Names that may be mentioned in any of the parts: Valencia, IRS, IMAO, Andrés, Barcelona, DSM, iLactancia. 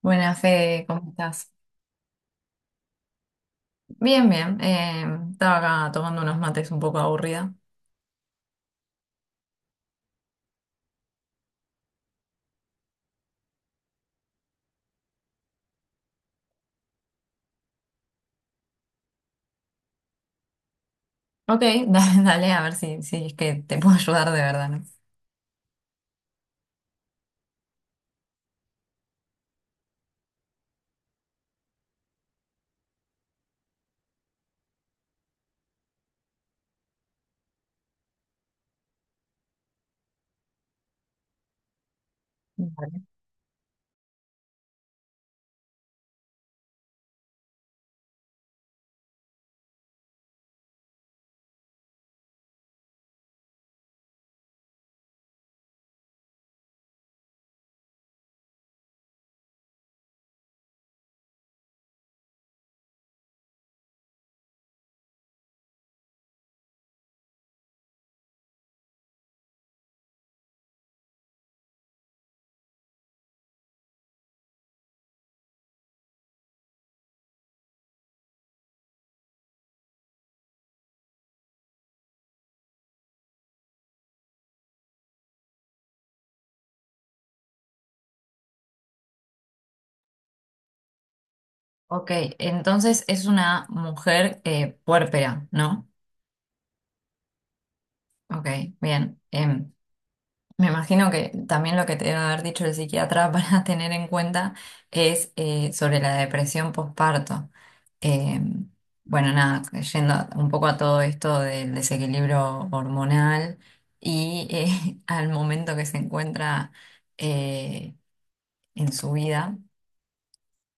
Buenas, Fede, ¿cómo estás? Bien, bien. Estaba acá tomando unos mates un poco aburrida. Ok, dale, dale, a ver si es que te puedo ayudar de verdad, ¿no? Vale. Ok, entonces es una mujer puérpera, ¿no? Ok, bien. Me imagino que también lo que te debe haber dicho el psiquiatra para tener en cuenta es sobre la depresión postparto. Eh, bueno, nada, yendo un poco a todo esto del desequilibrio hormonal y al momento que se encuentra eh, en su vida.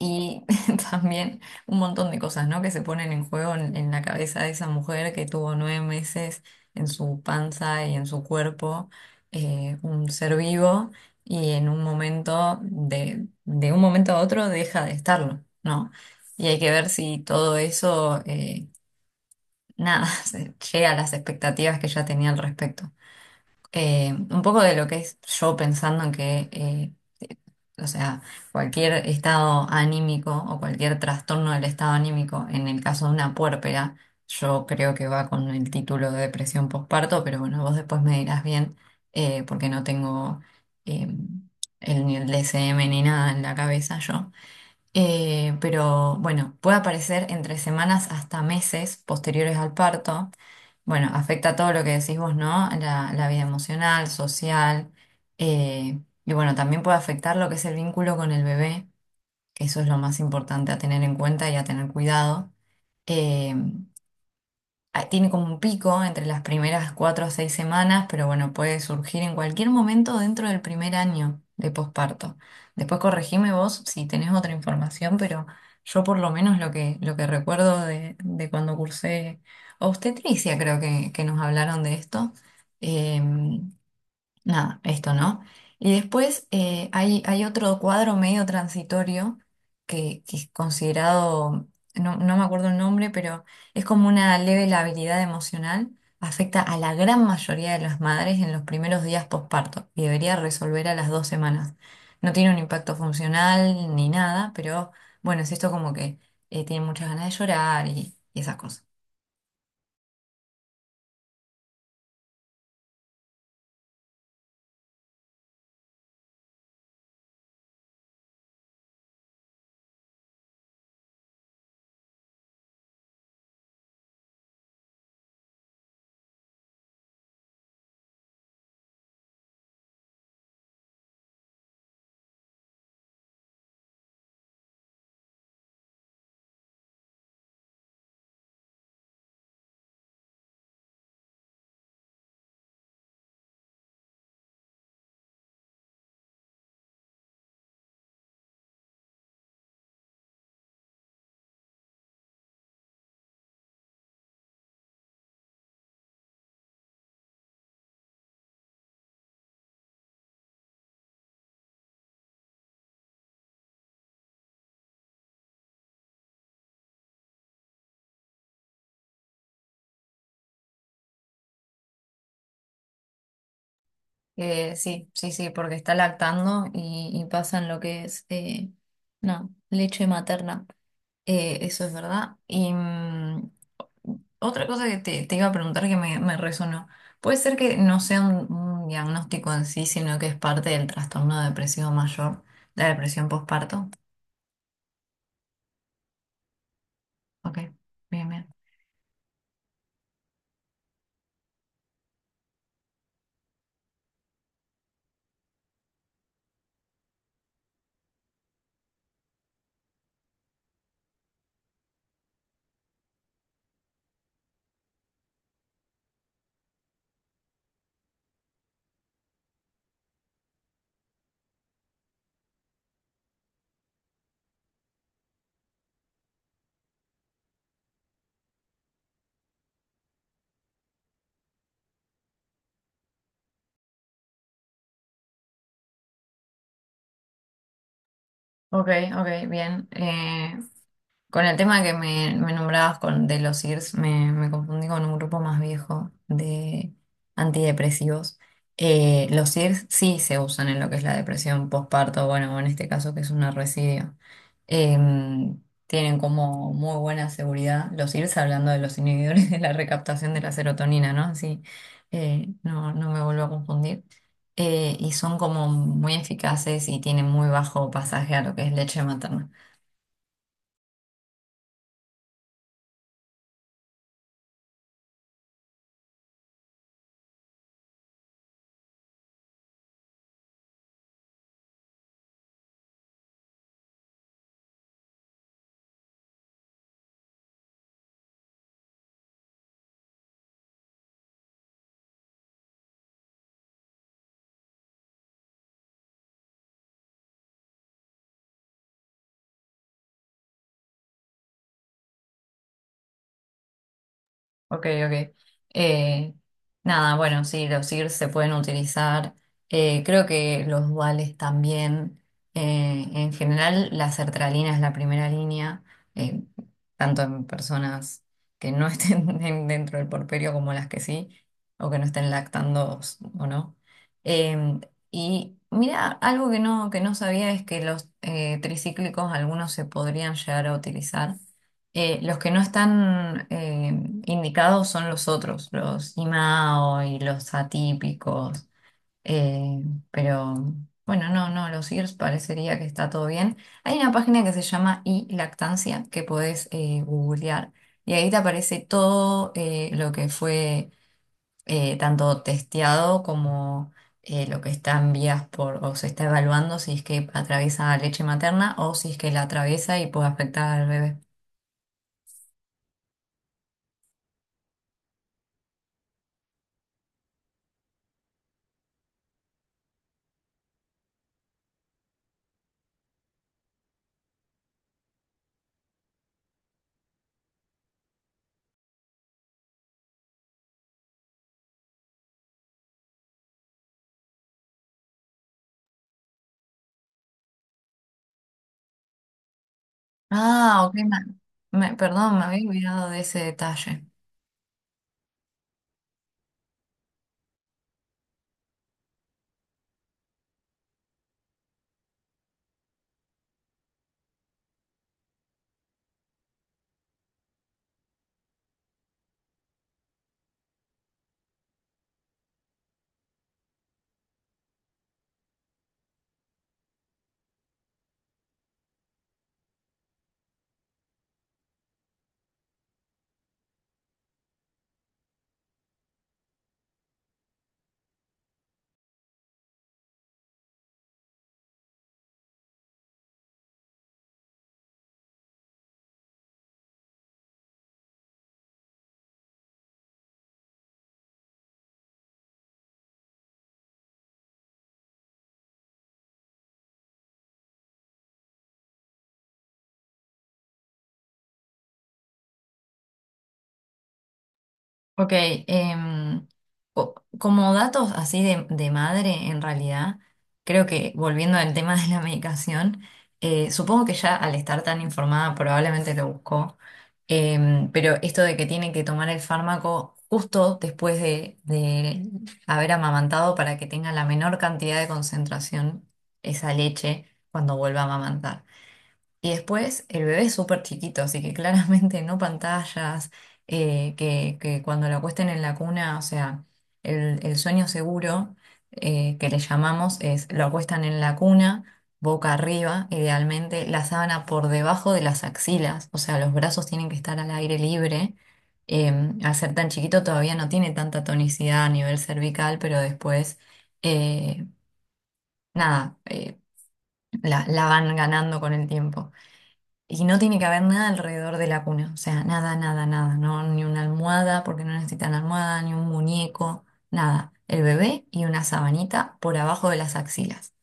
Y también un montón de cosas, ¿no? Que se ponen en juego en la cabeza de esa mujer que tuvo 9 meses en su panza y en su cuerpo, un ser vivo, y en un momento, de un momento a otro, deja de estarlo, ¿no? Y hay que ver si todo eso, nada, llega a las expectativas que ya tenía al respecto un poco de lo que es yo pensando en que, o sea, cualquier estado anímico o cualquier trastorno del estado anímico, en el caso de una puérpera, yo creo que va con el título de depresión postparto, pero bueno, vos después me dirás bien, porque no tengo eh, el, ni el DSM ni nada en la cabeza yo. Pero bueno, puede aparecer entre semanas hasta meses posteriores al parto. Bueno, afecta todo lo que decís vos, ¿no? La vida emocional, social. Y bueno, también puede afectar lo que es el vínculo con el bebé, que eso es lo más importante a tener en cuenta y a tener cuidado. Eh, Tiene como un pico entre las primeras 4 o 6 semanas, pero bueno, puede surgir en cualquier momento dentro del primer año de posparto. Después corregime vos si tenés otra información, pero yo por lo menos lo que recuerdo de cuando cursé obstetricia, creo que nos hablaron de esto. em, Nada, esto, ¿no? Y después hay, hay otro cuadro medio transitorio que es considerado, no, no me acuerdo el nombre, pero es como una leve labilidad emocional, afecta a la gran mayoría de las madres en los primeros días posparto y debería resolver a las 2 semanas. No tiene un impacto funcional ni nada, pero bueno, es esto como que tienen muchas ganas de llorar y esas cosas. Sí, sí, sí, porque está lactando y pasa lo que es, no, leche materna. Eso es verdad. Y mm, otra cosa que te iba a preguntar que me resonó. Puede ser que no sea un diagnóstico en sí, sino que es parte del trastorno depresivo mayor, la depresión postparto. Ok, bien, bien. Ok, ok, bien. Con el tema que me nombrabas con, de los IRS, me, me confundí con un grupo más viejo de antidepresivos. Los IRS sí se usan en lo que es la depresión postparto, bueno, o en este caso que es una residuo. Tienen como muy buena seguridad los IRS, hablando de los inhibidores de la recaptación de la serotonina, ¿no? Así no, no me vuelvo a confundir. Y son como muy eficaces y tienen muy bajo pasaje a lo que es leche materna. Ok, ok. Eh, Nada, bueno, sí, los IRS se pueden utilizar. Creo que los duales también. En general, la sertralina es la primera línea, eh, tanto en personas que no estén dentro del porperio como las que sí, o que no estén lactando o no. Eh, y mira, algo que no sabía es que los tricíclicos, algunos se podrían llegar a utilizar. Los que no están indicados son los otros, los IMAO y los atípicos. Eh, pero bueno, no, no, los IRS parecería que está todo bien. Hay una página que se llama iLactancia que podés googlear y ahí te aparece todo lo que fue tanto testeado como lo que está en vías por o se está evaluando si es que atraviesa leche materna o si es que la atraviesa y puede afectar al bebé. Ah, ok, perdón, me había olvidado de ese detalle. Ok, como datos así de madre, en realidad, creo que volviendo al tema de la medicación, supongo que ya al estar tan informada probablemente lo buscó, pero esto de que tiene que tomar el fármaco justo después de haber amamantado para que tenga la menor cantidad de concentración esa leche cuando vuelva a amamantar. Y después el bebé es súper chiquito, así que claramente no pantallas, que cuando la acuesten en la cuna, o sea, el sueño seguro que le llamamos es lo acuestan en la cuna, boca arriba, idealmente, la sábana por debajo de las axilas, o sea, los brazos tienen que estar al aire libre. Eh, Al ser tan chiquito todavía no tiene tanta tonicidad a nivel cervical, pero después, eh, nada, la van ganando con el tiempo. Y no tiene que haber nada alrededor de la cuna, o sea, nada, nada, nada, no, ni una almohada, porque no necesitan almohada, ni un muñeco, nada. El bebé y una sabanita por abajo de las axilas.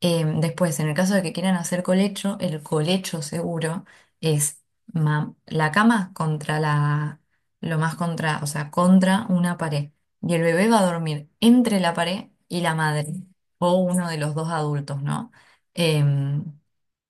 Después, en el caso de que quieran hacer colecho, el colecho seguro es la cama contra la, lo más contra, o sea, contra una pared. Y el bebé va a dormir entre la pared y la madre, o uno de los dos adultos, ¿no? Em,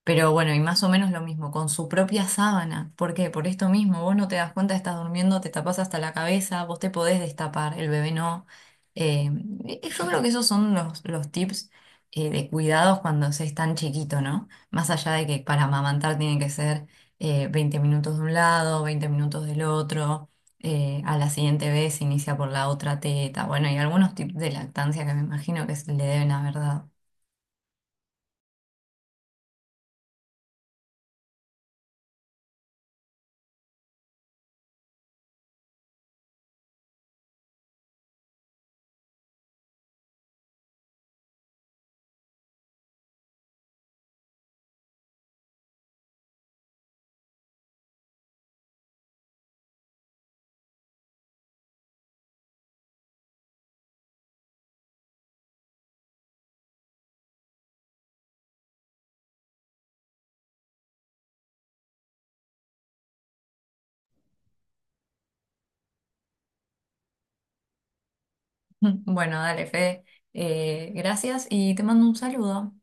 pero bueno, y más o menos lo mismo, con su propia sábana. ¿Por qué? Por esto mismo, vos no te das cuenta, estás durmiendo, te tapas hasta la cabeza, vos te podés destapar, el bebé no. Eh, yo creo que esos son los tips de cuidados cuando se es tan chiquito, ¿no? Más allá de que para amamantar tiene que ser 20 minutos de un lado, 20 minutos del otro, a la siguiente vez se inicia por la otra teta. Bueno, y algunos tips de lactancia que me imagino que se le deben haber dado. Bueno, dale, Fede. Gracias y te mando un saludo.